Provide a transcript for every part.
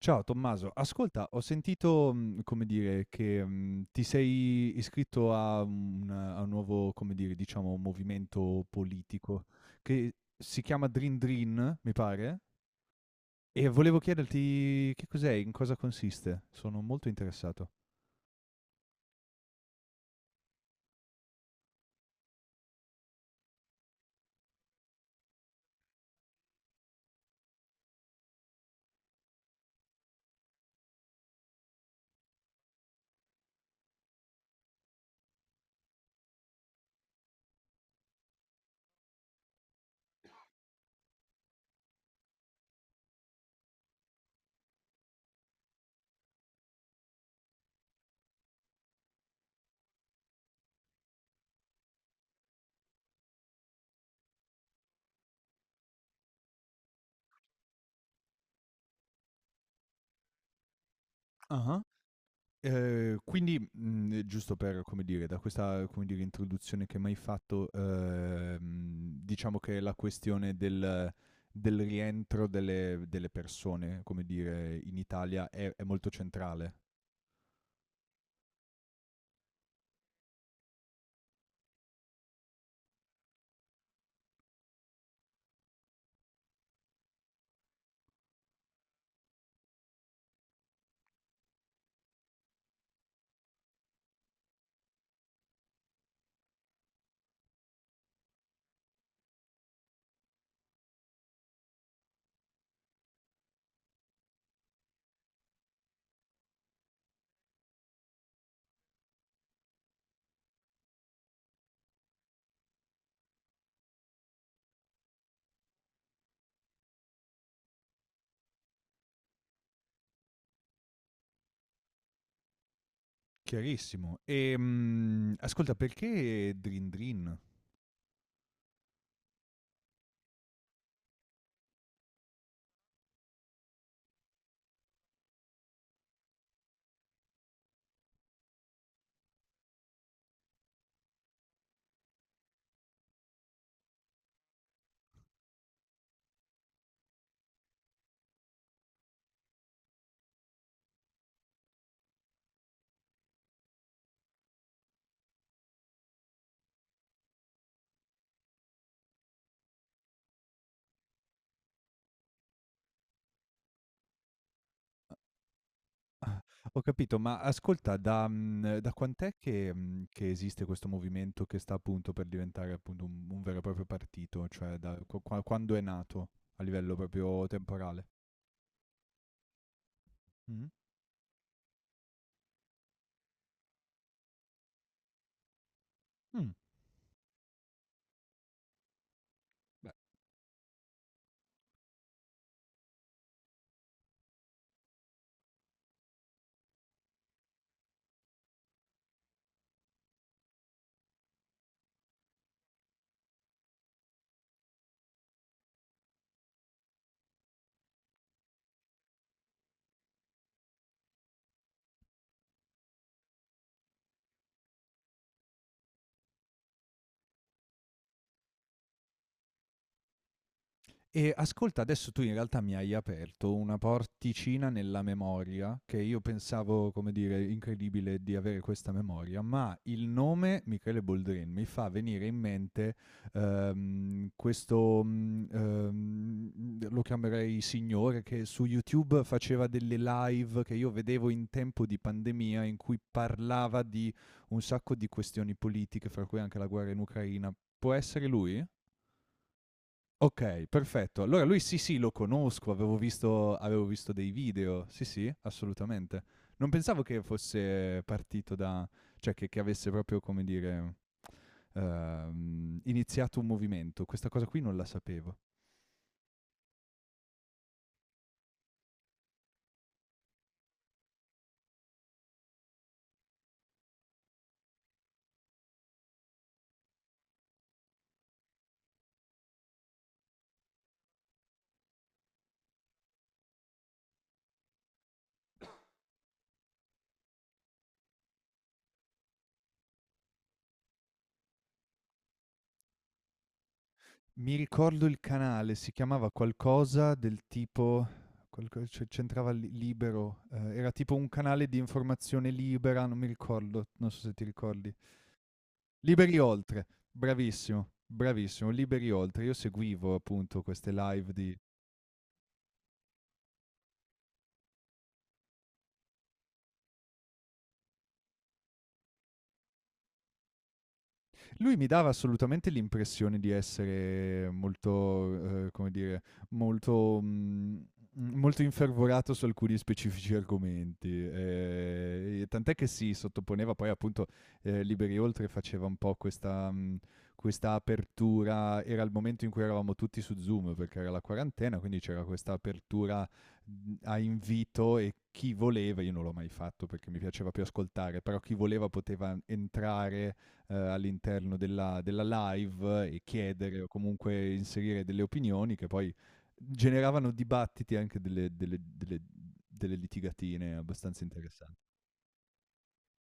Ciao Tommaso, ascolta, ho sentito, come dire, che ti sei iscritto a un nuovo, come dire, diciamo, movimento politico che si chiama Dream Dream, mi pare, e volevo chiederti che cos'è, in cosa consiste. Sono molto interessato. Ah. Quindi, giusto per, come dire, da questa, come dire, introduzione che m'hai fatto, diciamo che la questione del rientro delle persone, come dire, in Italia è molto centrale. Chiarissimo. Ascolta, perché Drin Drin? Ho capito, ma ascolta, da quant'è che che esiste questo movimento che sta appunto per diventare appunto un vero e proprio partito? Cioè da qu qua quando è nato a livello proprio temporale? Mh-mh. Mh. E ascolta, adesso tu in realtà mi hai aperto una porticina nella memoria che io pensavo, come dire, incredibile di avere questa memoria, ma il nome Michele Boldrin mi fa venire in mente questo, lo chiamerei signore, che su YouTube faceva delle live che io vedevo in tempo di pandemia in cui parlava di un sacco di questioni politiche, fra cui anche la guerra in Ucraina. Può essere lui? Okay, perfetto. Allora lui sì, sì, lo conosco, avevo visto dei video. Sì, sì, assolutamente. Non pensavo che fosse partito da cioè che avesse proprio, come dire, iniziato un movimento. Questa cosa qui non la sapevo. Mi ricordo il canale, si chiamava qualcosa del tipo qualco c'e c'entrava Li Libero, era tipo un canale di informazione libera, non mi ricordo, non so se ti ricordi. Liberi Oltre, bravissimo, bravissimo, Liberi Oltre. Io seguivo appunto queste live di. Lui mi dava assolutamente l'impressione di essere molto, come dire, molto, molto infervorato su alcuni specifici argomenti. E tant'è che si sottoponeva poi appunto Liberi Oltre faceva un po' questa, questa apertura, era il momento in cui eravamo tutti su Zoom perché era la quarantena, quindi c'era questa apertura a invito e chi voleva, io non l'ho mai fatto perché mi piaceva più ascoltare, però chi voleva poteva entrare all'interno della live e chiedere o comunque inserire delle opinioni che poi generavano dibattiti e anche delle litigatine abbastanza interessanti.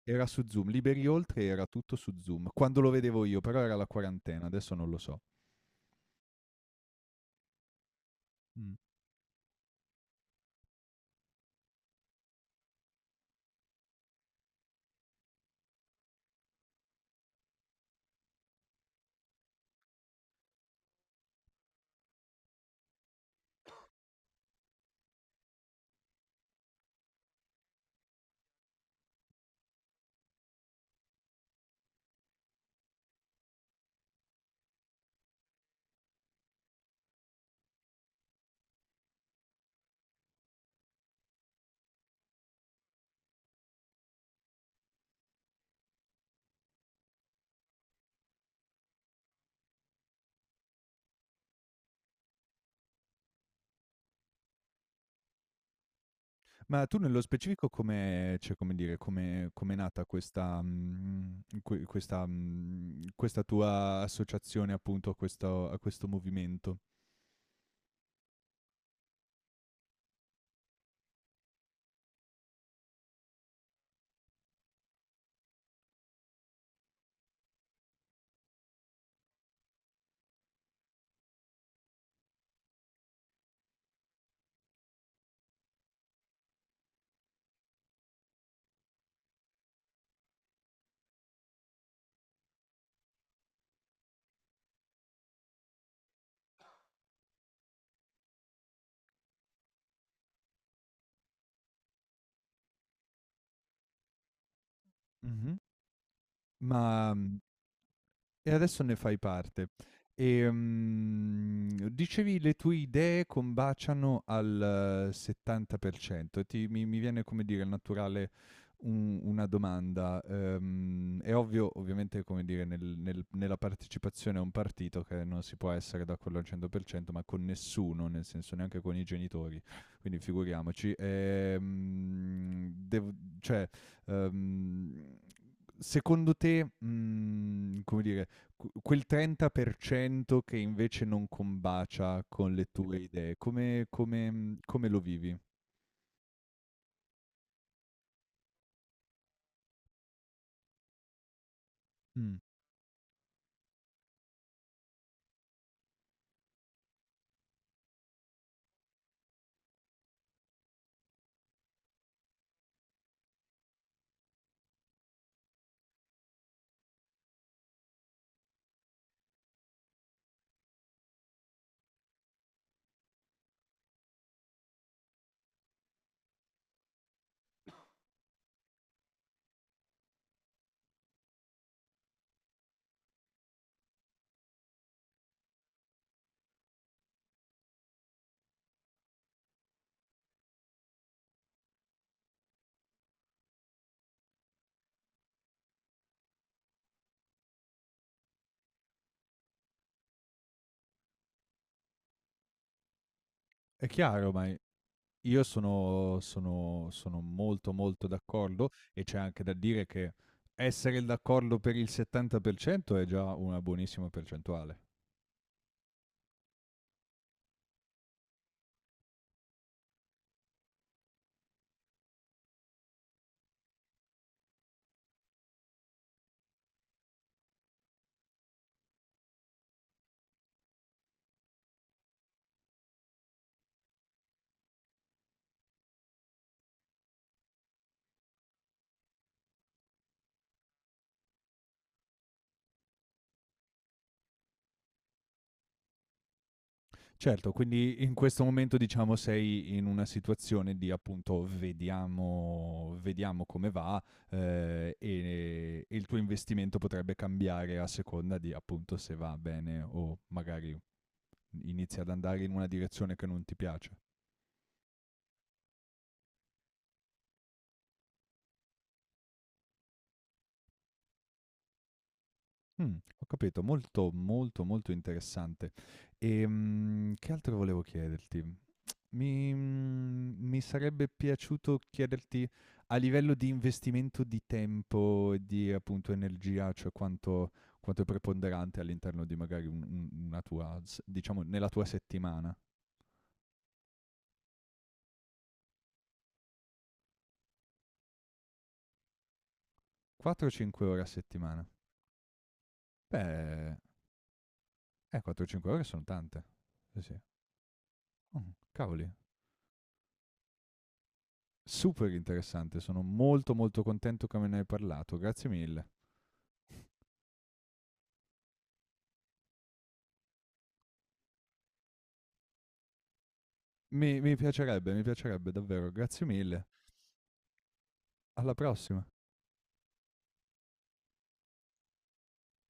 Era su Zoom, Liberi Oltre era tutto su Zoom, quando lo vedevo io, però era la quarantena, adesso non lo so. Mm. Ma tu nello specifico come, cioè, come dire, come è nata questa, questa, questa tua associazione appunto a questo movimento? Mhm. Ma mm, E adesso ne fai parte. Dicevi le tue idee combaciano al 70%. E ti mi mi viene, come dire, naturale un una domanda. È ovvio, ovviamente, come dire, nella partecipazione a un partito che non si può essere d'accordo al 100%, ma con nessuno, nel senso neanche con i genitori, quindi figuriamoci. Dev cioè, ehm, secondo te, come dire, quel 30% che invece non combacia con le tue idee, come lo vivi? Mm. È chiaro, ma io sono molto molto d'accordo e c'è anche da dire che essere d'accordo per il 70% è già una buonissima percentuale. Certo, quindi in questo momento diciamo sei in una situazione di appunto vediamo, vediamo come va, e il tuo investimento potrebbe cambiare a seconda di appunto se va bene o magari inizia ad andare in una direzione che non ti piace. Mh, ho capito, molto, molto, molto interessante. Che altro volevo chiederti? Mi sarebbe piaciuto chiederti a livello di investimento di tempo e di, appunto, energia, cioè quanto è preponderante all'interno di magari un una tua s diciamo nella tua settimana. 4 o 5 ore a settimana? Beh, 4 o 5 ore son tante. Sì, sì. Cavoli, super interessante. Sono molto, molto contento che me ne hai parlato. Grazie mille. Mi piacerebbe, mi piacerebbe davvero. Grazie mille. Alla prossima.